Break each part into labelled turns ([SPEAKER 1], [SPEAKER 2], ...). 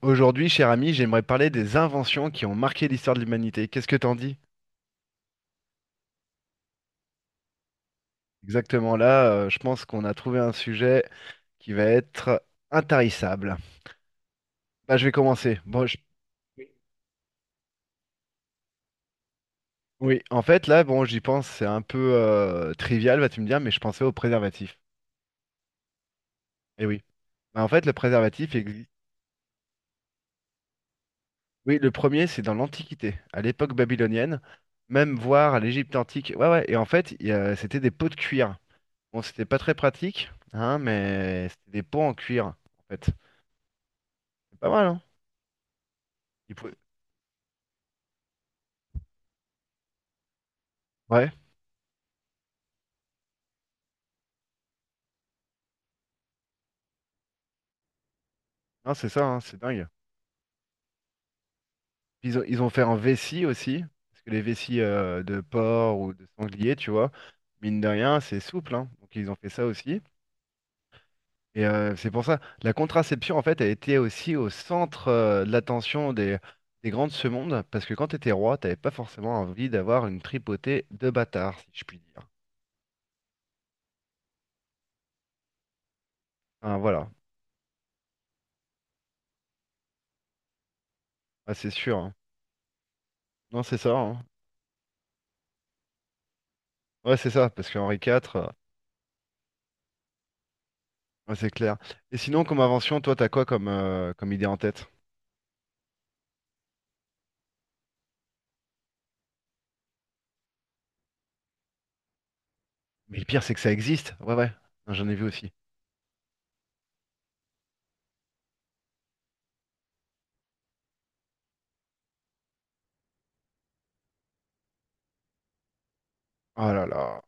[SPEAKER 1] Aujourd'hui, cher ami, j'aimerais parler des inventions qui ont marqué l'histoire de l'humanité. Qu'est-ce que t'en dis? Exactement là, je pense qu'on a trouvé un sujet qui va être intarissable. Bah, je vais commencer. Bon, oui, en fait, là, bon, j'y pense, c'est un peu trivial, vas-tu me dire, mais je pensais au préservatif. Eh oui. Bah, en fait, le préservatif existe. Oui, le premier, c'est dans l'Antiquité, à l'époque babylonienne, même voire à l'Égypte antique. Ouais, ouais. Et en fait, c'était des pots de cuir. Bon, c'était pas très pratique, hein, mais c'était des pots en cuir en fait. Pas mal, hein? Ils pou- Ouais, non, c'est ça, hein, c'est dingue. Puis ils ont fait un vessie aussi, parce que les vessies de porc ou de sanglier, tu vois, mine de rien, c'est souple, hein, donc ils ont fait ça aussi. Et c'est pour ça, la contraception, en fait, a été aussi au centre de l'attention des grands de ce monde, parce que quand t'étais roi, t'avais pas forcément envie d'avoir une tripotée de bâtards, si je puis dire. Ah, voilà. Ah, c'est sûr, hein. Non, c'est ça, hein. Ouais, c'est ça, parce qu'Henri IV. Ouais, c'est clair. Et sinon, comme invention, toi, t'as quoi comme, comme idée en tête? Mais le pire, c'est que ça existe. Ouais, ouais. Non, j'en ai vu aussi. Oh là là.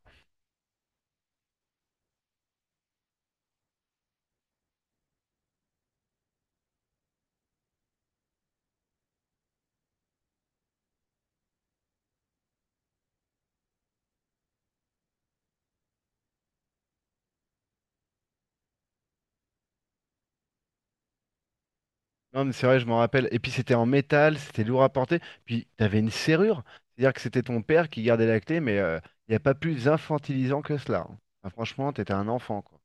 [SPEAKER 1] Non, mais c'est vrai, je m'en rappelle. Et puis, c'était en métal, c'était lourd à porter. Puis, t'avais une serrure. C'est-à-dire que c'était ton père qui gardait la clé, mais il n'y a pas plus infantilisant que cela, hein. Bah, franchement, t'étais un enfant, quoi.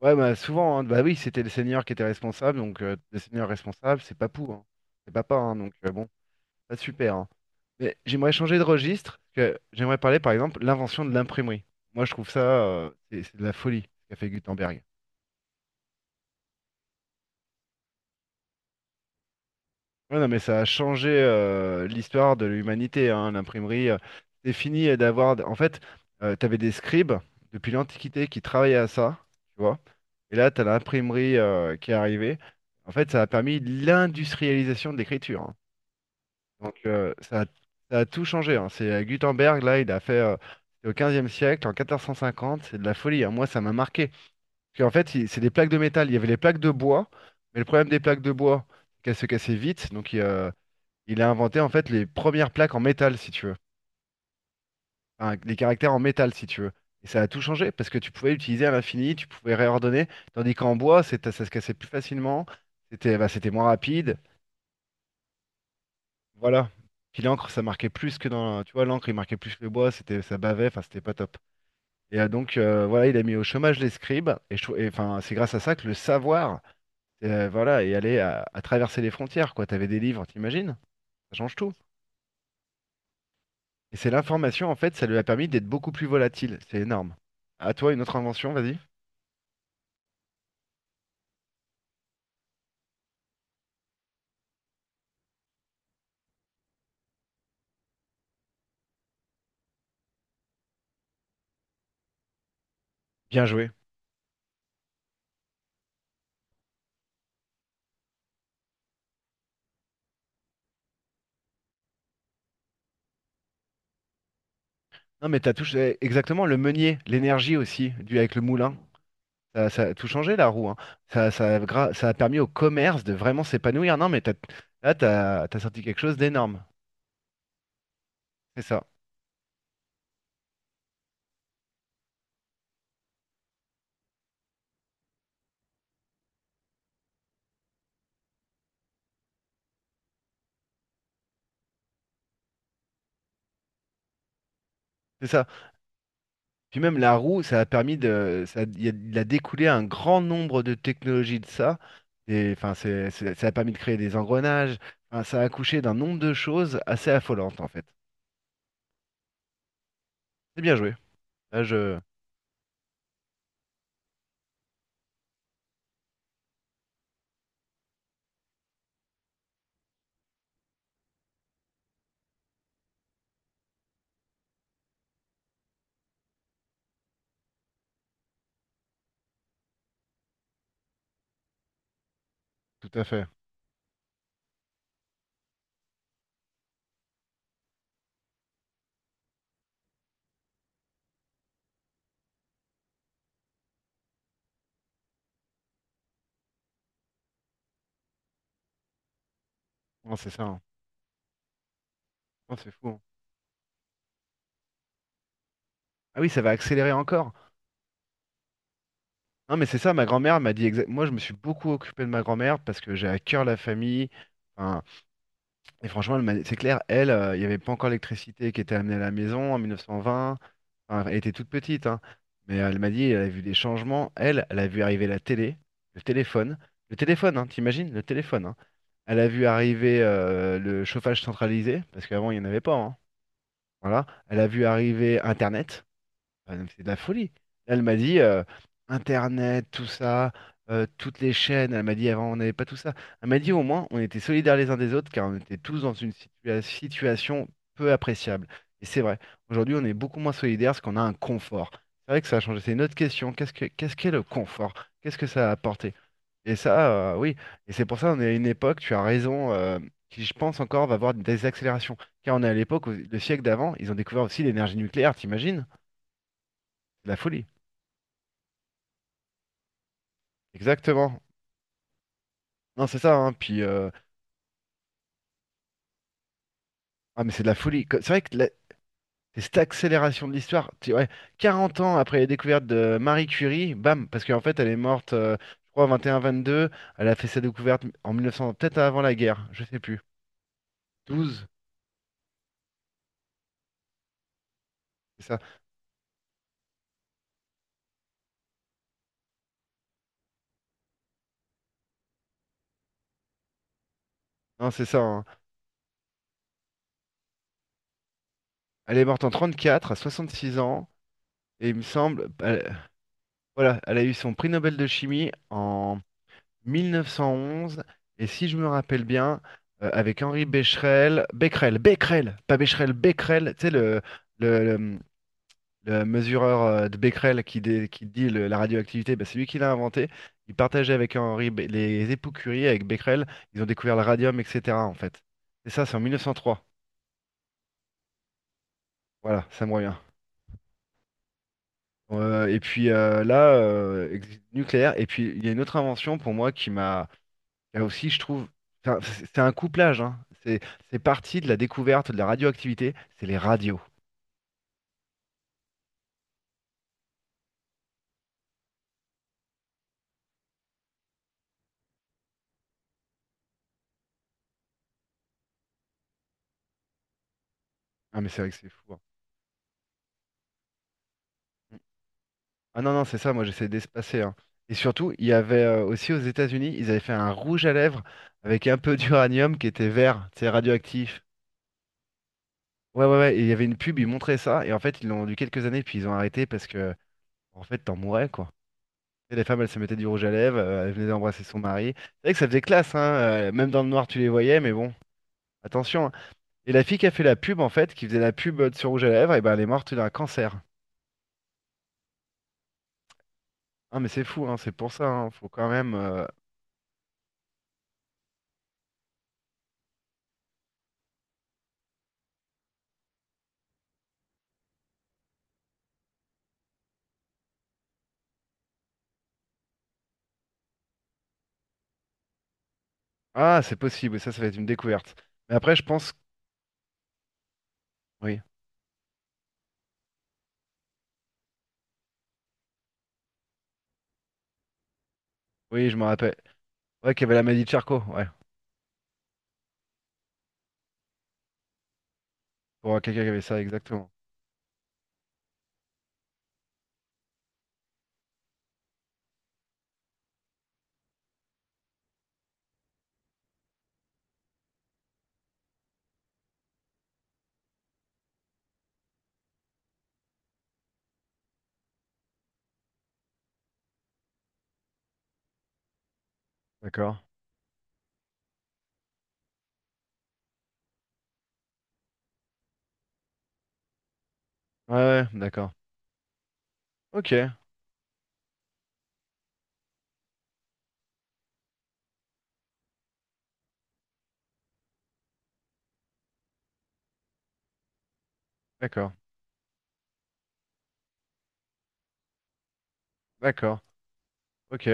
[SPEAKER 1] Ouais, bah souvent, hein. Bah oui, c'était le seigneur qui était responsable. Donc, le seigneur responsable, c'est papou, hein. C'est papa, hein, donc bon. Ah, super, hein. Mais j'aimerais changer de registre, parce que j'aimerais parler, par exemple, l'invention de l'imprimerie. Moi, je trouve ça, c'est de la folie, ce qu'a fait Gutenberg. Ouais, non, mais ça a changé l'histoire de l'humanité, hein, l'imprimerie, c'est fini d'avoir. En fait, tu avais des scribes depuis l'Antiquité qui travaillaient à ça, tu vois. Et là, tu as l'imprimerie qui est arrivée. En fait, ça a permis l'industrialisation de l'écriture, hein. Donc ça a tout changé, hein. C'est Gutenberg, là, il a fait c'est au 15e siècle, en 1450, c'est de la folie, hein. Moi, ça m'a marqué. Parce qu'en fait, c'est des plaques de métal. Il y avait les plaques de bois, mais le problème des plaques de bois, c'est qu'elles se cassaient vite. Donc il a inventé en fait les premières plaques en métal, si tu veux. Enfin, les caractères en métal, si tu veux. Et ça a tout changé parce que tu pouvais l'utiliser à l'infini, tu pouvais réordonner, tandis qu'en bois, ça se cassait plus facilement, c'était moins rapide. Voilà. Puis l'encre, ça marquait plus que dans. Tu vois, l'encre, il marquait plus le bois, c'était, ça bavait, enfin, c'était pas top. Et voilà, il a mis au chômage les scribes, et, enfin, c'est grâce à ça que le savoir, voilà, est allé à traverser les frontières, quoi. T'avais des livres, t'imagines? Ça change tout. Et c'est l'information, en fait, ça lui a permis d'être beaucoup plus volatile. C'est énorme. À toi, une autre invention, vas-y. Bien joué. Non, mais t'as touché exactement le meunier, l'énergie aussi, dû avec le moulin. Ça a tout changé la roue, hein. Ça a permis au commerce de vraiment s'épanouir. Non, mais t'as- là, t'as sorti quelque chose d'énorme. C'est ça. C'est ça. Puis même la roue, ça a permis de. Ça, il a découlé un grand nombre de technologies de ça. Et, enfin, ça a permis de créer des engrenages. Enfin, ça a accouché d'un nombre de choses assez affolantes, en fait. C'est bien joué. Là, je. Tout à fait. Non, c'est ça, hein. Non, c'est fou, hein. Ah oui, ça va accélérer encore. Non, mais c'est ça, ma grand-mère m'a dit exact... Moi, je me suis beaucoup occupé de ma grand-mère parce que j'ai à cœur la famille. Enfin, et franchement, c'est clair, elle, il n'y avait pas encore l'électricité qui était amenée à la maison en 1920. Enfin, elle était toute petite, hein. Mais elle m'a dit, elle a vu des changements. Elle a vu arriver la télé, le téléphone. Le téléphone, hein, t'imagines? Le téléphone, hein. Elle a vu arriver le chauffage centralisé, parce qu'avant, il n'y en avait pas, hein. Voilà. Elle a vu arriver Internet. Ah non, mais c'est de la folie. Là, elle m'a dit Internet, tout ça, toutes les chaînes. Elle m'a dit avant, on n'avait pas tout ça. Elle m'a dit au moins, on était solidaires les uns des autres car on était tous dans une situation peu appréciable. Et c'est vrai. Aujourd'hui, on est beaucoup moins solidaires parce qu'on a un confort. C'est vrai que ça a changé. C'est une autre question. Qu'est-ce qu'est le confort? Qu'est-ce que ça a apporté? Et ça, oui. Et c'est pour ça, on est à une époque, tu as raison, qui, je pense encore, va avoir des accélérations. Car on est à l'époque, le siècle d'avant, ils ont découvert aussi l'énergie nucléaire, t'imagines? C'est de la folie. Exactement. Non, c'est ça, hein. Puis, ah, mais c'est de la folie. C'est vrai que c'est cette accélération de l'histoire, tu ouais. 40 ans après la découverte de Marie Curie, bam, parce qu'en fait, elle est morte, je crois, 21, 22. Elle a fait sa découverte en 1900, peut-être avant la guerre, je sais plus. 12, c'est ça. Non, c'est ça, hein. Elle est morte en 34, à 66 ans, et il me semble, voilà, elle a eu son prix Nobel de chimie en 1911 et si je me rappelle bien, avec Henri Becquerel Becquerel, Becquerel, pas Becherel, Becquerel, tu sais, le, le- le mesureur de Becquerel qui dit la radioactivité, bah, c'est lui qui l'a inventé. Il partageait avec les époux Curie, avec Becquerel, ils ont découvert le radium, etc. en fait. C'est ça, c'est en 1903. Voilà, ça me revient. Et puis là, nucléaire. Et puis il y a une autre invention pour moi qui m'a. Là aussi, je trouve, enfin, c'est un couplage, hein. C'est parti de la découverte de la radioactivité, c'est les radios. Ah mais c'est vrai que c'est fou, hein. Mm. Ah non, non, c'est ça, moi j'essaie d'espacer, hein. Et surtout, il y avait aussi aux États-Unis, ils avaient fait un rouge à lèvres avec un peu d'uranium qui était vert, c'est radioactif. Ouais, ouais, ouais, et il y avait une pub, ils montraient ça, et en fait, ils l'ont vendu quelques années, puis ils ont arrêté parce que, en fait, t'en mourais, quoi. Et les femmes, elles se mettaient du rouge à lèvres, elles venaient d'embrasser son mari. C'est vrai que ça faisait classe, hein, même dans le noir, tu les voyais, mais bon, attention, hein. Et la fille qui a fait la pub, en fait, qui faisait la pub sur rouge à lèvres, et ben elle est morte d'un cancer. Ah, mais c'est fou, hein, c'est pour ça, hein, faut quand même, ah, c'est possible, ça va être une découverte. Mais après, je pense. Oui, oui, je me rappelle. Ouais, qu'il y avait la maladie de Charcot, ouais. Pour quelqu'un qui avait ça, exactement. D'accord. Ouais, ouais, d'accord. Ok, d'accord, d'accord, ok.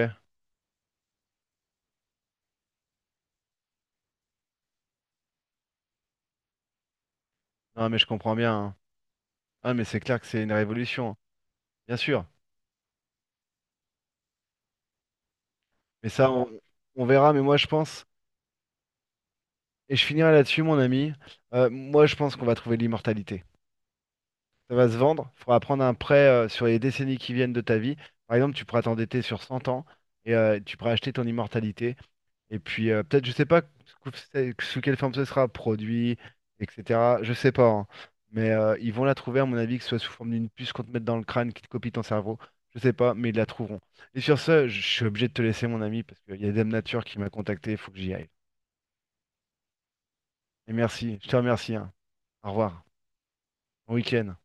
[SPEAKER 1] Non, mais je comprends bien, hein. Ah, mais c'est clair que c'est une révolution, bien sûr. Mais ça, on verra, mais moi, je pense. Et je finirai là-dessus, mon ami. Moi, je pense qu'on va trouver l'immortalité. Ça va se vendre. Il faudra prendre un prêt sur les décennies qui viennent de ta vie. Par exemple, tu pourras t'endetter sur 100 ans et tu pourras acheter ton immortalité. Et puis, peut-être, je sais pas sous sous quelle forme ce sera, produit, etc. Je sais pas, hein. Mais ils vont la trouver, à mon avis, que ce soit sous forme d'une puce qu'on te mette dans le crâne qui te copie ton cerveau. Je sais pas, mais ils la trouveront. Et sur ce, je suis obligé de te laisser, mon ami, parce qu'il y a Dame Nature qui m'a contacté, il faut que j'y aille. Et merci, je te remercie, hein. Au revoir. Bon week-end.